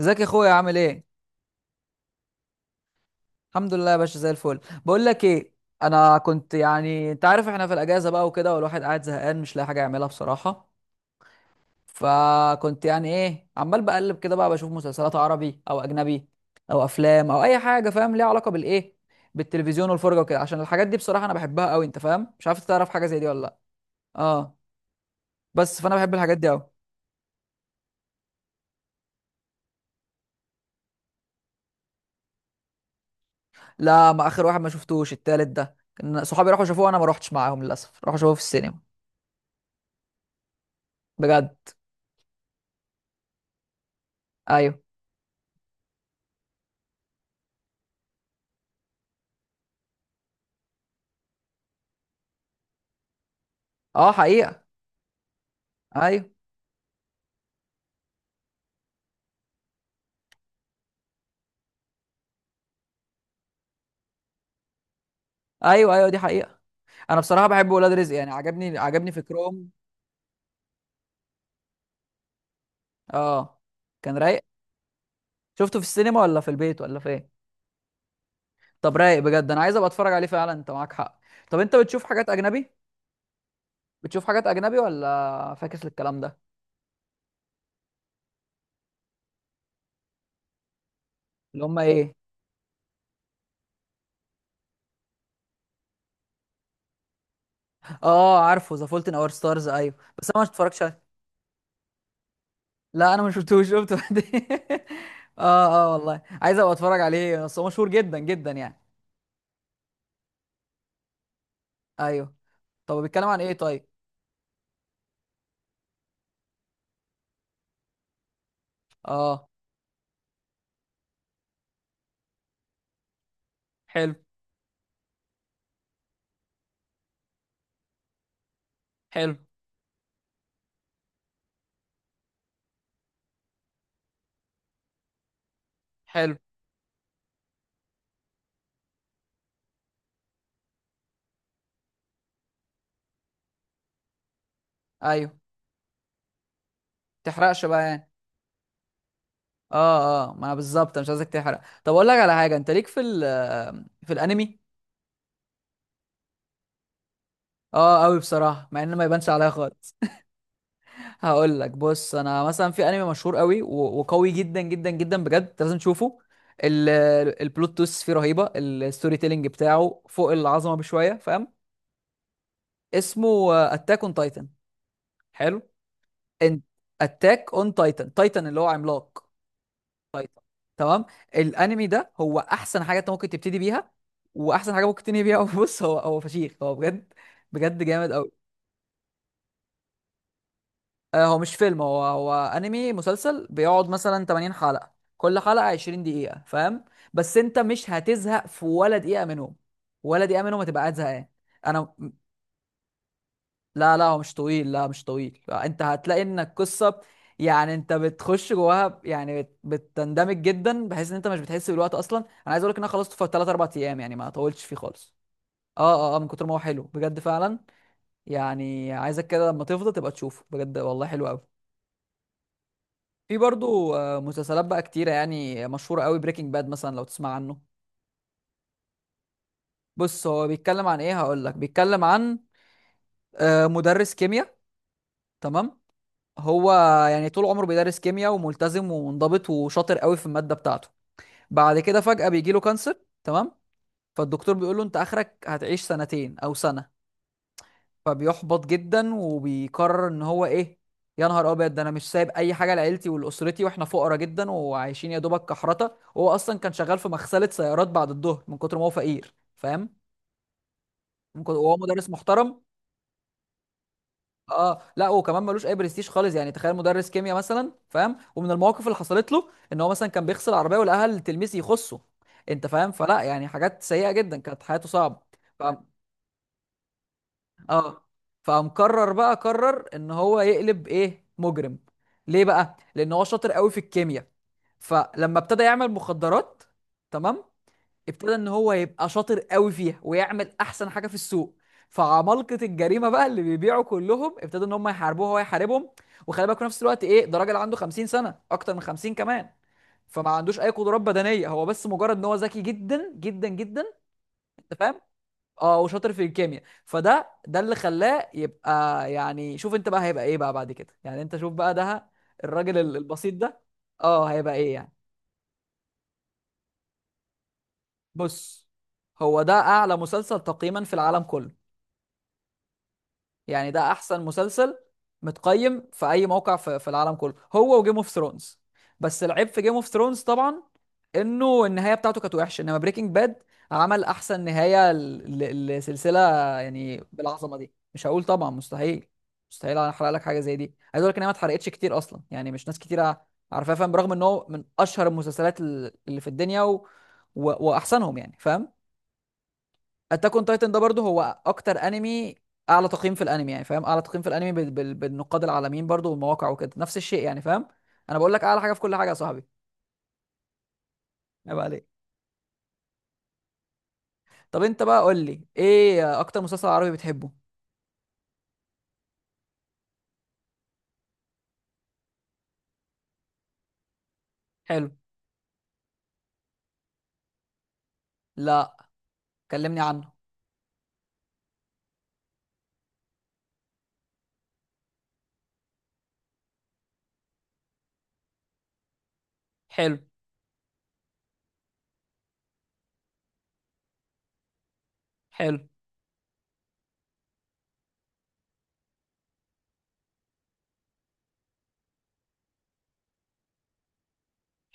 ازيك يا اخويا؟ عامل ايه؟ الحمد لله يا باشا، زي الفل. بقول لك ايه، انا كنت، انت عارف، احنا في الاجازه بقى وكده، والواحد قاعد زهقان مش لاقي حاجه يعملها بصراحه. فكنت يعني ايه عمال بقلب كده بقى، بشوف مسلسلات عربي او اجنبي او افلام او اي حاجه فاهم ليها علاقه بالتلفزيون والفرجه وكده، عشان الحاجات دي بصراحه انا بحبها قوي. انت فاهم؟ مش عارف، تعرف حاجه زي دي ولا لا؟ اه. بس فانا بحب الحاجات دي قوي. لا، ما اخر واحد ما شفتوش، التالت ده كان صحابي راحوا شافوه، انا ما روحتش معاهم للاسف، راحوا شافوه في السينما. بجد؟ ايوه. اه حقيقة. ايوه ايوه ايوه، دي حقيقه. انا بصراحه بحب ولاد رزق، يعني عجبني، عجبني فكرهم. اه. كان رايق. شفته في السينما ولا في البيت ولا فين؟ طب رايق بجد، انا عايز ابقى اتفرج عليه فعلا، انت معاك حق. طب انت بتشوف حاجات اجنبي؟ بتشوف حاجات اجنبي ولا فاكس للكلام ده؟ اللي هم ايه؟ اه، عارفه ذا فولت ان اور ستارز، ايوه، بس انا ما اتفرجتش عليه. لا انا ما شفتوش، شفته بعدين. اه اه والله، عايز ابقى اتفرج عليه، بس هو مشهور جدا جدا يعني. ايوه. طب بيتكلم عن ايه طيب؟ اه. حلو. حلو. حلو. ايوه. تحرقش بقى يعني. اه اه، ما انا بالظبط مش عايزك تحرق. طب اقول لك على حاجه، انت ليك في في الانمي؟ اه قوي بصراحه، مع ان ما يبانش عليا خالص. هقول لك، بص انا مثلا في انمي مشهور قوي وقوي جدا جدا جدا بجد، انت لازم تشوفه. ال- البلوت تويست فيه رهيبه، الستوري تيلينج بتاعه فوق العظمه بشويه، فاهم؟ اسمه اتاك اون تايتن. حلو. انت، اتاك اون تايتن، تايتن اللي هو عملاق. تمام. الانمي ده هو احسن حاجه انت ممكن تبتدي بيها، واحسن حاجه ممكن تنهي بيها. بص هو، فشيخ هو بجد، بجد جامد قوي. هو مش فيلم، هو انمي مسلسل بيقعد مثلا 80 حلقه، كل حلقه 20 دقيقه، فاهم؟ بس انت مش هتزهق في ولا دقيقه منهم، ولا دقيقه منهم هتبقى قاعد زهقان. انا، لا لا، هو مش طويل، لا مش طويل، انت هتلاقي ان القصه، يعني انت بتخش جواها بتندمج جدا، بحيث ان انت مش بتحس بالوقت اصلا. انا عايز اقول لك ان انا خلصته في 3 4 ايام، يعني ما طولتش فيه خالص. اه اه اه، من كتر ما هو حلو بجد فعلا، يعني عايزك كده لما تفضى تبقى تشوفه بجد والله، حلو قوي. في برضو مسلسلات بقى كتيره يعني مشهوره قوي، بريكنج باد مثلا لو تسمع عنه. بص هو بيتكلم عن ايه، هقول لك بيتكلم عن مدرس كيمياء. تمام. هو يعني طول عمره بيدرس كيمياء، وملتزم ومنضبط وشاطر قوي في المادة بتاعته. بعد كده فجأة بيجي له كانسر. تمام. فالدكتور بيقول له انت اخرك هتعيش سنتين او سنة. فبيحبط جدا وبيقرر ان هو ايه، يا نهار ابيض، ده انا مش سايب اي حاجة لعيلتي ولاسرتي، واحنا فقراء جدا وعايشين يا دوبك كحرطة. وهو اصلا كان شغال في مغسلة سيارات بعد الظهر من كتر ما هو فقير، فاهم؟ وهو مدرس محترم. اه، لا وكمان ملوش اي برستيج خالص، يعني تخيل مدرس كيمياء مثلا، فاهم؟ ومن المواقف اللي حصلت له ان هو مثلا كان بيغسل العربيه والاهل تلميذ يخصه. انت فاهم؟ فلا يعني، حاجات سيئه جدا، كانت حياته صعبه. ف... اه، فمقرر بقى قرر ان هو يقلب ايه، مجرم. ليه بقى؟ لان هو شاطر قوي في الكيمياء. فلما ابتدى يعمل مخدرات، تمام، ابتدى ان هو يبقى شاطر قوي فيها ويعمل احسن حاجه في السوق. فعمالقه الجريمه بقى اللي بيبيعوا كلهم ابتدوا ان هم يحاربوه وهو يحاربهم. وخلي بالك في نفس الوقت، ايه ده، راجل عنده 50 سنه، اكتر من 50 كمان، فما عندوش اي قدرات بدنيه، هو بس مجرد ان هو ذكي جدا جدا جدا. انت فاهم؟ اه، وشاطر في الكيمياء، ده اللي خلاه يبقى، يعني شوف انت بقى هيبقى ايه بقى بعد كده. يعني انت شوف بقى ده، الراجل البسيط ده. اه هيبقى ايه يعني. بص هو ده اعلى مسلسل تقييما في العالم كله، يعني ده احسن مسلسل متقيم في اي موقع في العالم كله، هو وجيم اوف ثرونز. بس العيب في جيم اوف ثرونز طبعا انه النهايه بتاعته كانت وحشه، انما بريكنج باد عمل احسن نهايه لسلسله، يعني بالعظمه دي مش هقول طبعا. مستحيل، مستحيل انا احرق لك حاجه زي دي. عايز اقول لك ان هي ما اتحرقتش كتير اصلا، يعني مش ناس كتير عارفاها، فاهم؟ برغم ان هو من اشهر المسلسلات اللي في الدنيا واحسنهم يعني، فاهم؟ اتاك اون تايتن ده برضه هو اكتر انمي، اعلى تقييم في الانمي يعني، فاهم؟ اعلى تقييم في الانمي بالنقاد العالميين برضه والمواقع وكده، نفس الشيء يعني، فاهم؟ انا بقول لك اعلى حاجه في كل حاجه يا صاحبي. عيب عليك. طب انت بقى قول لي ايه اكتر مسلسل عربي بتحبه؟ حلو. لا كلمني عنه. حلو. حلو.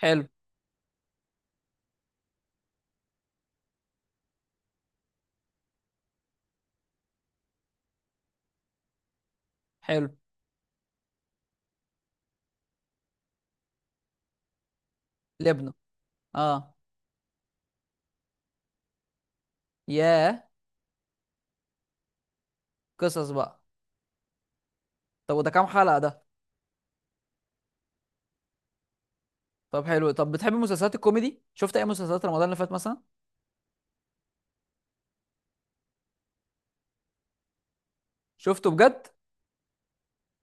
حلو. حلو. لبنى. اه. ياه. قصص بقى. طب وده كام حلقه ده؟ طب حلو، طب بتحب مسلسلات الكوميدي؟ شفت اي مسلسلات رمضان اللي فات مثلا؟ شفته بجد؟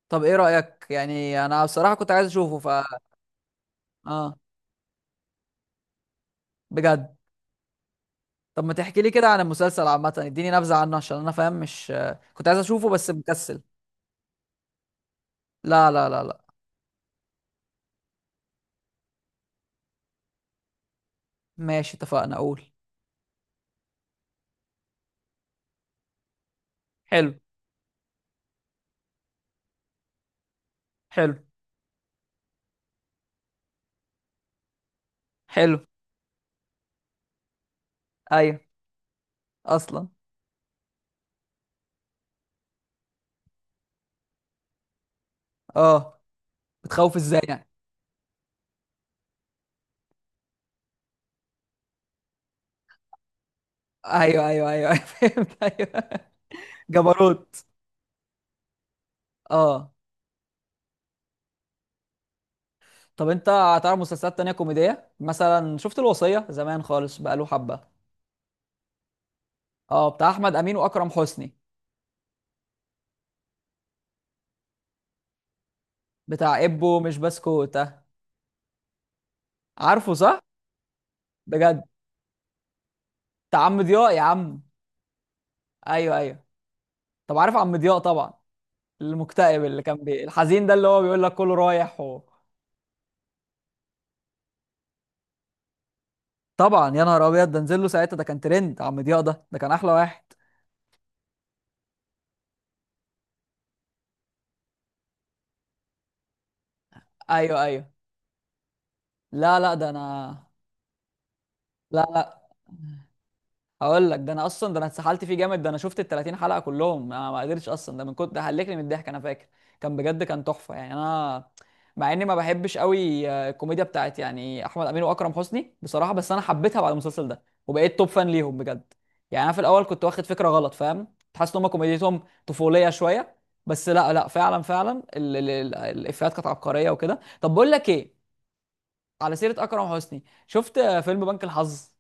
طب ايه رايك؟ يعني انا بصراحه كنت عايز اشوفه. ف، اه. بجد؟ طب ما تحكي لي كده عن المسلسل عامة، اديني نبذة عنه، عشان انا فاهم مش، كنت عايز اشوفه بس مكسل. لا لا لا لا. ماشي اتفقنا، اقول. حلو. حلو. حلو. ايوه. اصلا. اه. بتخوف ازاي يعني؟ ايوه ايوه ايوه. أيوة، فهمت، ايوه. جبروت. اه. طب انت هتعرف مسلسلات تانية كوميدية؟ مثلا شفت الوصية زمان، خالص بقاله حبة. اه، بتاع احمد امين واكرم حسني. بتاع ابو مش بسكوت عارفه، صح؟ بجد. بتاع عم ضياء يا عم. ايوه ايوه. طب عارف عم ضياء طبعا، المكتئب اللي كان الحزين ده، اللي هو بيقول لك كله رايح طبعا، يا نهار ابيض، ده نزل له ساعتها، ده كان ترند عم ضياء ده، ده كان احلى واحد. ايوه ايوه. لا لا، ده انا. لا لا، هقول لك، ده انا اصلا، ده انا اتسحلت فيه جامد، ده انا شفت ال 30 حلقه كلهم، انا ما قدرتش اصلا، ده من كنت، ده هلكني من الضحك، انا فاكر كان بجد، كان تحفه، يعني انا، مع اني ما بحبش قوي الكوميديا بتاعت يعني احمد امين واكرم حسني بصراحه، بس انا حبيتها بعد المسلسل ده، وبقيت توب فان ليهم بجد. يعني انا في الاول كنت واخد فكره غلط، فاهم؟ كنت حاسس ان هم كوميديتهم طفوليه شويه، بس لا لا، فعلا فعلا ال ال ال الافيهات كانت عبقريه وكده. طب بقول لك ايه، على سيره اكرم حسني، شفت فيلم بنك الحظ؟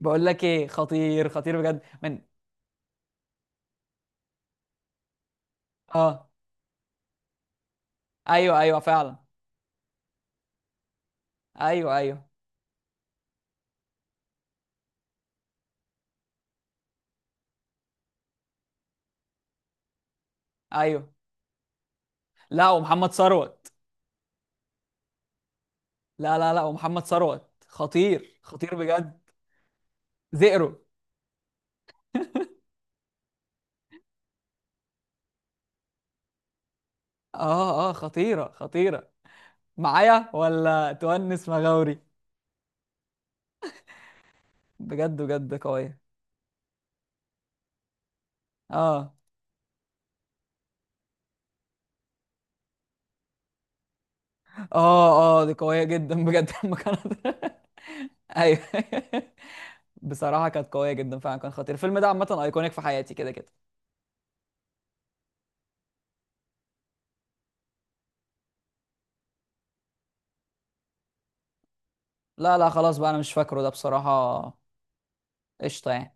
بقول لك ايه، خطير خطير بجد من. اه. ايوه ايوه فعلا. ايوه ايوه ايوه، لا ومحمد ثروت. لا لا لا، ومحمد ثروت خطير خطير بجد. زئرو. اه اه، خطيره خطيره. معايا ولا تونس مغاوري؟ بجد بجد قويه. اه اه اه، دي قويه جدا بجد. لما كانت، ايوه. بصراحه كانت قويه جدا فعلا، كان خطير الفيلم ده عامه، ايكونيك في حياتي كده كده. لا لا، خلاص بقى انا مش فاكره ده بصراحه. قشطه يعني.